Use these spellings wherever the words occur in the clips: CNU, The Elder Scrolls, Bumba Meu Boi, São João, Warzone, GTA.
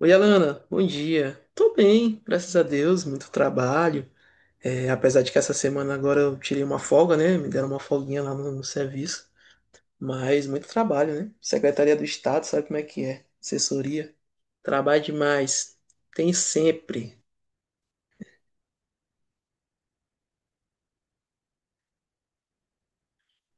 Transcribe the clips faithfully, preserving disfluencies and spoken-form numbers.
Oi, Alana, bom dia. Tô bem, graças a Deus, muito trabalho. É, apesar de que essa semana agora eu tirei uma folga, né? Me deram uma folguinha lá no, no serviço. Mas muito trabalho, né? Secretaria do Estado, sabe como é que é? Assessoria. Trabalho demais. Tem sempre.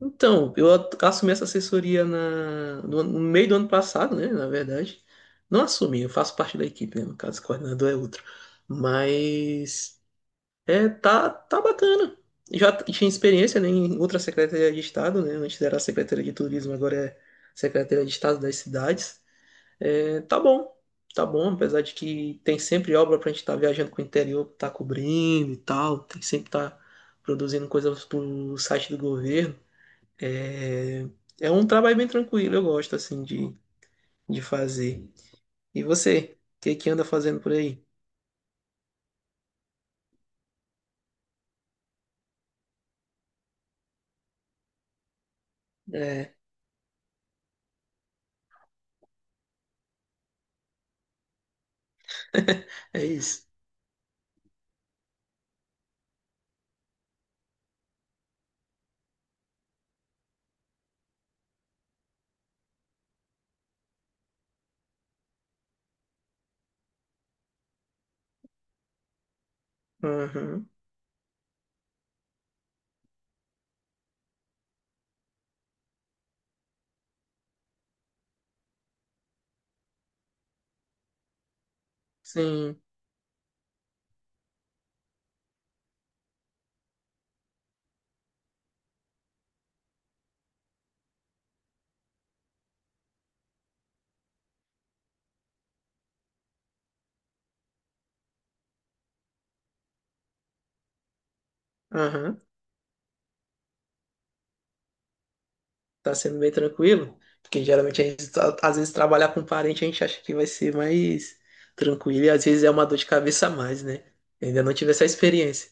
Então, eu at- assumi essa assessoria na, no, ano- no meio do ano passado, né? Na verdade. Não assumi, eu faço parte da equipe, né? No caso, o coordenador é outro. Mas, é, tá, tá bacana. Já t- tinha experiência, né, em outra Secretaria de Estado, né? Antes era a Secretaria de Turismo, agora é Secretaria de Estado das Cidades. É, tá bom, tá bom, apesar de que tem sempre obra pra gente estar viajando com o interior, tá cobrindo e tal, tem que sempre tá produzindo coisas pro site do governo. É, é, um trabalho bem tranquilo, eu gosto, assim, de, de fazer. E você, o que que anda fazendo por aí? É, é isso. Aham, sim, aham. Tá sendo bem tranquilo? Porque geralmente a gente, tá- às vezes, trabalhar com parente, a gente acha que vai ser mais tranquilo e às vezes é uma dor de cabeça a mais, né? Eu ainda não tive essa experiência.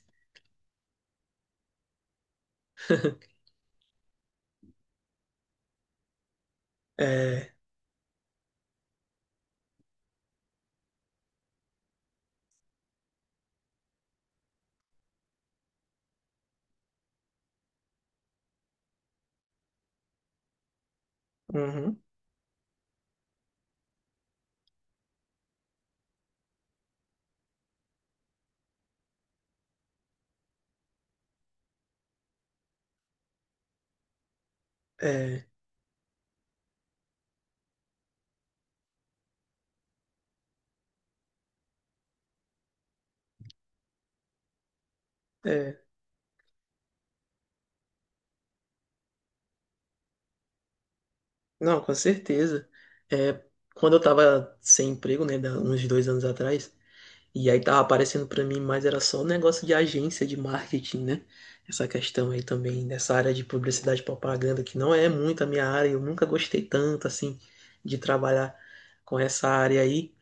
É, uhum, é, é. Não, com certeza. É, quando eu tava sem emprego, né, da- uns dois anos atrás, e aí tava aparecendo pra mim, mas era só um negócio de agência de marketing, né? Essa questão aí também dessa área de publicidade e propaganda, que não é muito a minha área, eu nunca gostei tanto assim de trabalhar com essa área aí.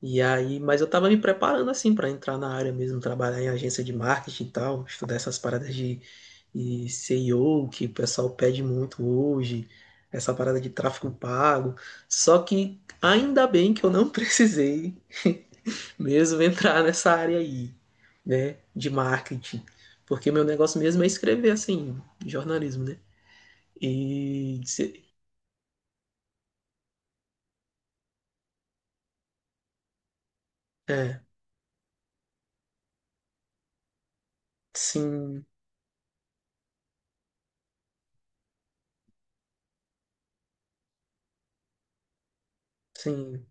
E aí, mas eu tava me preparando assim pra entrar na área mesmo, trabalhar em agência de marketing e tal, estudar essas paradas de, de, S E O que o pessoal pede muito hoje, essa parada de tráfego pago. Só que ainda bem que eu não precisei mesmo entrar nessa área aí, né, de marketing, porque meu negócio mesmo é escrever assim, jornalismo, né? E se- é, sim, sim.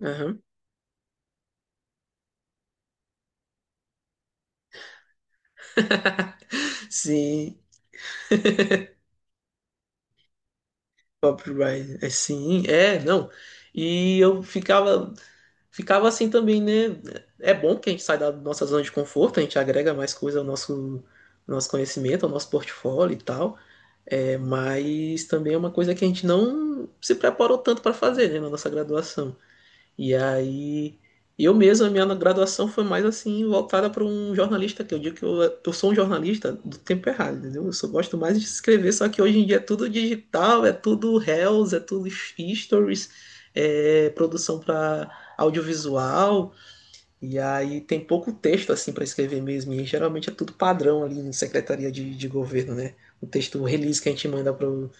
Aham. Sim, copyright, é sim, é, não. E eu ficava, ficava, assim também, né? É bom que a gente sai da nossa zona de conforto, a gente agrega mais coisa ao nosso, nosso conhecimento, ao nosso portfólio e tal. É, mas também é uma coisa que a gente não se preparou tanto para fazer, né, na nossa graduação. E aí, eu mesmo, a minha graduação foi mais assim, voltada para um jornalista, que eu digo que eu, eu sou um jornalista do tempo errado, entendeu? Eu só gosto mais de escrever, só que hoje em dia é tudo digital, é tudo reels, é tudo stories, é produção para audiovisual. E aí tem pouco texto assim para escrever mesmo, e geralmente é tudo padrão ali em secretaria de, de, governo, né? O texto o release que a gente manda pro,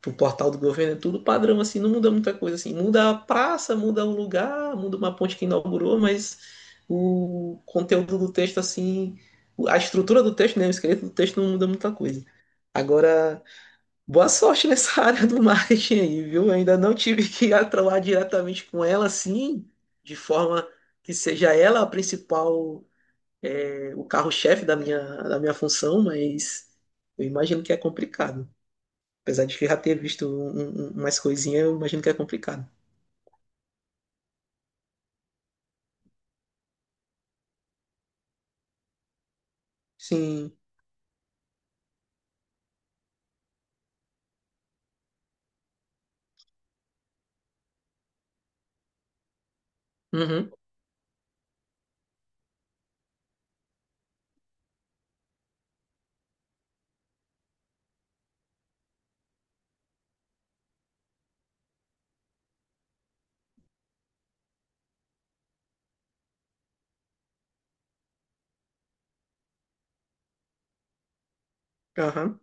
pro portal do governo é tudo padrão assim, não muda muita coisa assim. Muda a praça, muda um lugar, muda uma ponte que inaugurou, mas o conteúdo do texto assim, a estrutura do texto, né, o esqueleto do texto não muda muita coisa. Agora, boa sorte nessa área do marketing aí, viu? Eu ainda não tive que atuar diretamente com ela, assim, de forma que seja ela a principal, eh, o carro-chefe da minha, da minha função, mas eu imagino que é complicado. Apesar de que eu já ter visto um- um- um, umas coisinhas, eu imagino que é complicado. Sim. Uhum. Aham.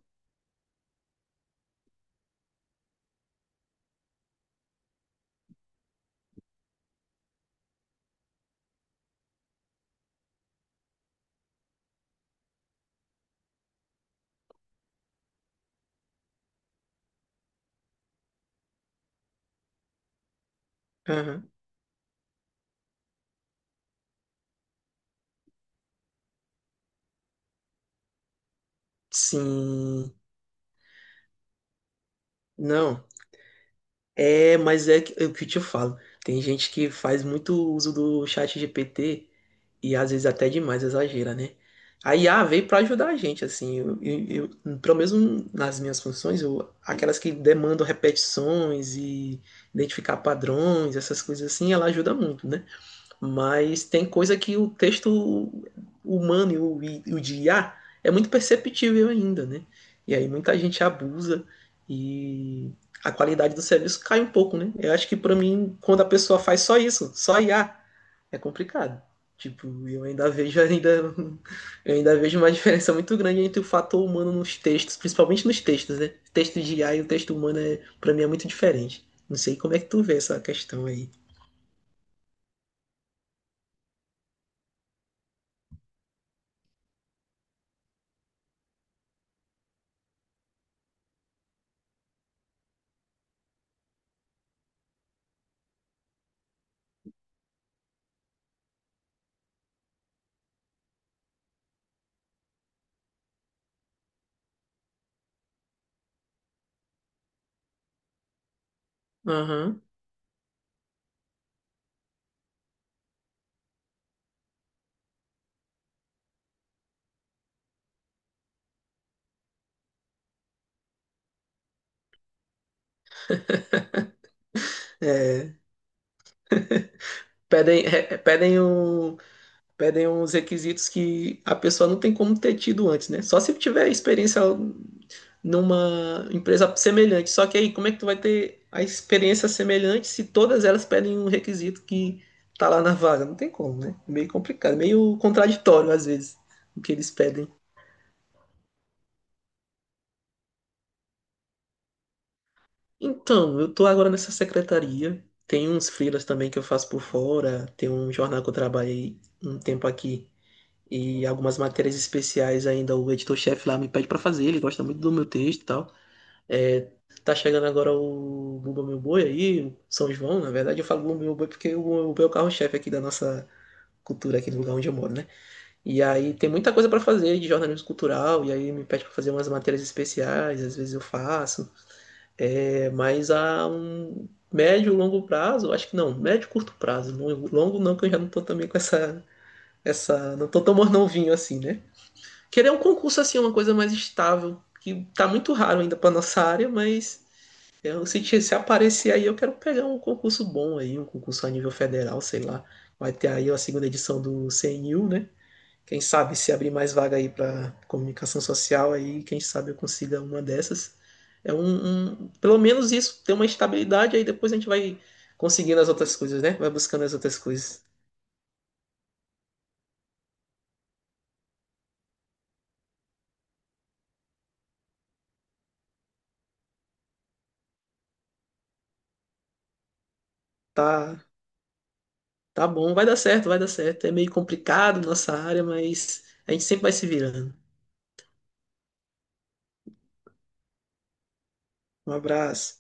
Aham. Sim. Não. É, mas é que- é o que eu te falo. Tem gente que faz muito uso do chat G P T. E às vezes até demais exagera, né? A I A veio para ajudar a gente, assim, eu, eu, eu- pelo menos nas minhas funções, eu- aquelas que demandam repetições e identificar padrões, essas coisas assim, ela ajuda muito, né? Mas tem coisa que o texto humano e o, e o de I A é muito perceptível ainda, né? E aí muita gente abusa e a qualidade do serviço cai um pouco, né? Eu acho que para mim, quando a pessoa faz só isso, só I A, é complicado. Tipo, eu ainda vejo ainda eu ainda vejo uma diferença muito grande entre o fator humano nos textos, principalmente nos textos, né? Texto de I A e o texto humano é, para mim é muito diferente. Não sei como é que tu vê essa questão aí. Aham. É, pedem é, é, pedem um pedem uns requisitos que a pessoa não tem como ter tido antes, né? Só se tiver experiência numa empresa semelhante. Só que aí, como é que tu vai ter a experiência semelhante se todas elas pedem um requisito que tá lá na vaga? Não tem como, né? Meio complicado, meio contraditório às vezes o que eles pedem. Então, eu tô agora nessa secretaria. Tem uns freelas também que eu faço por fora. Tem um jornal que eu trabalhei um tempo aqui. E algumas matérias especiais ainda o editor-chefe lá me pede para fazer. Ele gosta muito do meu texto e tal. É, tá chegando agora o Bumba Meu Boi aí, o São João. Na verdade eu falo Bumba Meu Boi porque o Bumba Meu Boi é o carro-chefe aqui da nossa cultura, aqui do lugar onde eu moro, né? E aí tem muita coisa pra fazer de jornalismo cultural, e aí me pede pra fazer umas matérias especiais, às vezes eu faço, é, mas a um médio, longo prazo, eu acho que não, médio, curto prazo, longo, longo não, que eu já não tô também com essa, essa, não tô tão mornovinho assim, né? Querer um concurso assim, é uma coisa mais estável, que tá muito raro ainda pra nossa área, mas eu, se, te- se aparecer aí, eu quero pegar um concurso bom aí, um concurso a nível federal, sei lá. Vai ter aí a segunda edição do C N U, né? Quem sabe se abrir mais vaga aí para comunicação social, aí quem sabe eu consiga uma dessas. É um, um- pelo menos isso, ter uma estabilidade, aí depois a gente vai conseguindo as outras coisas, né? Vai buscando as outras coisas. Tá, tá bom, vai dar certo, vai dar certo. É meio complicado nossa área, mas a gente sempre vai se virando. Um abraço.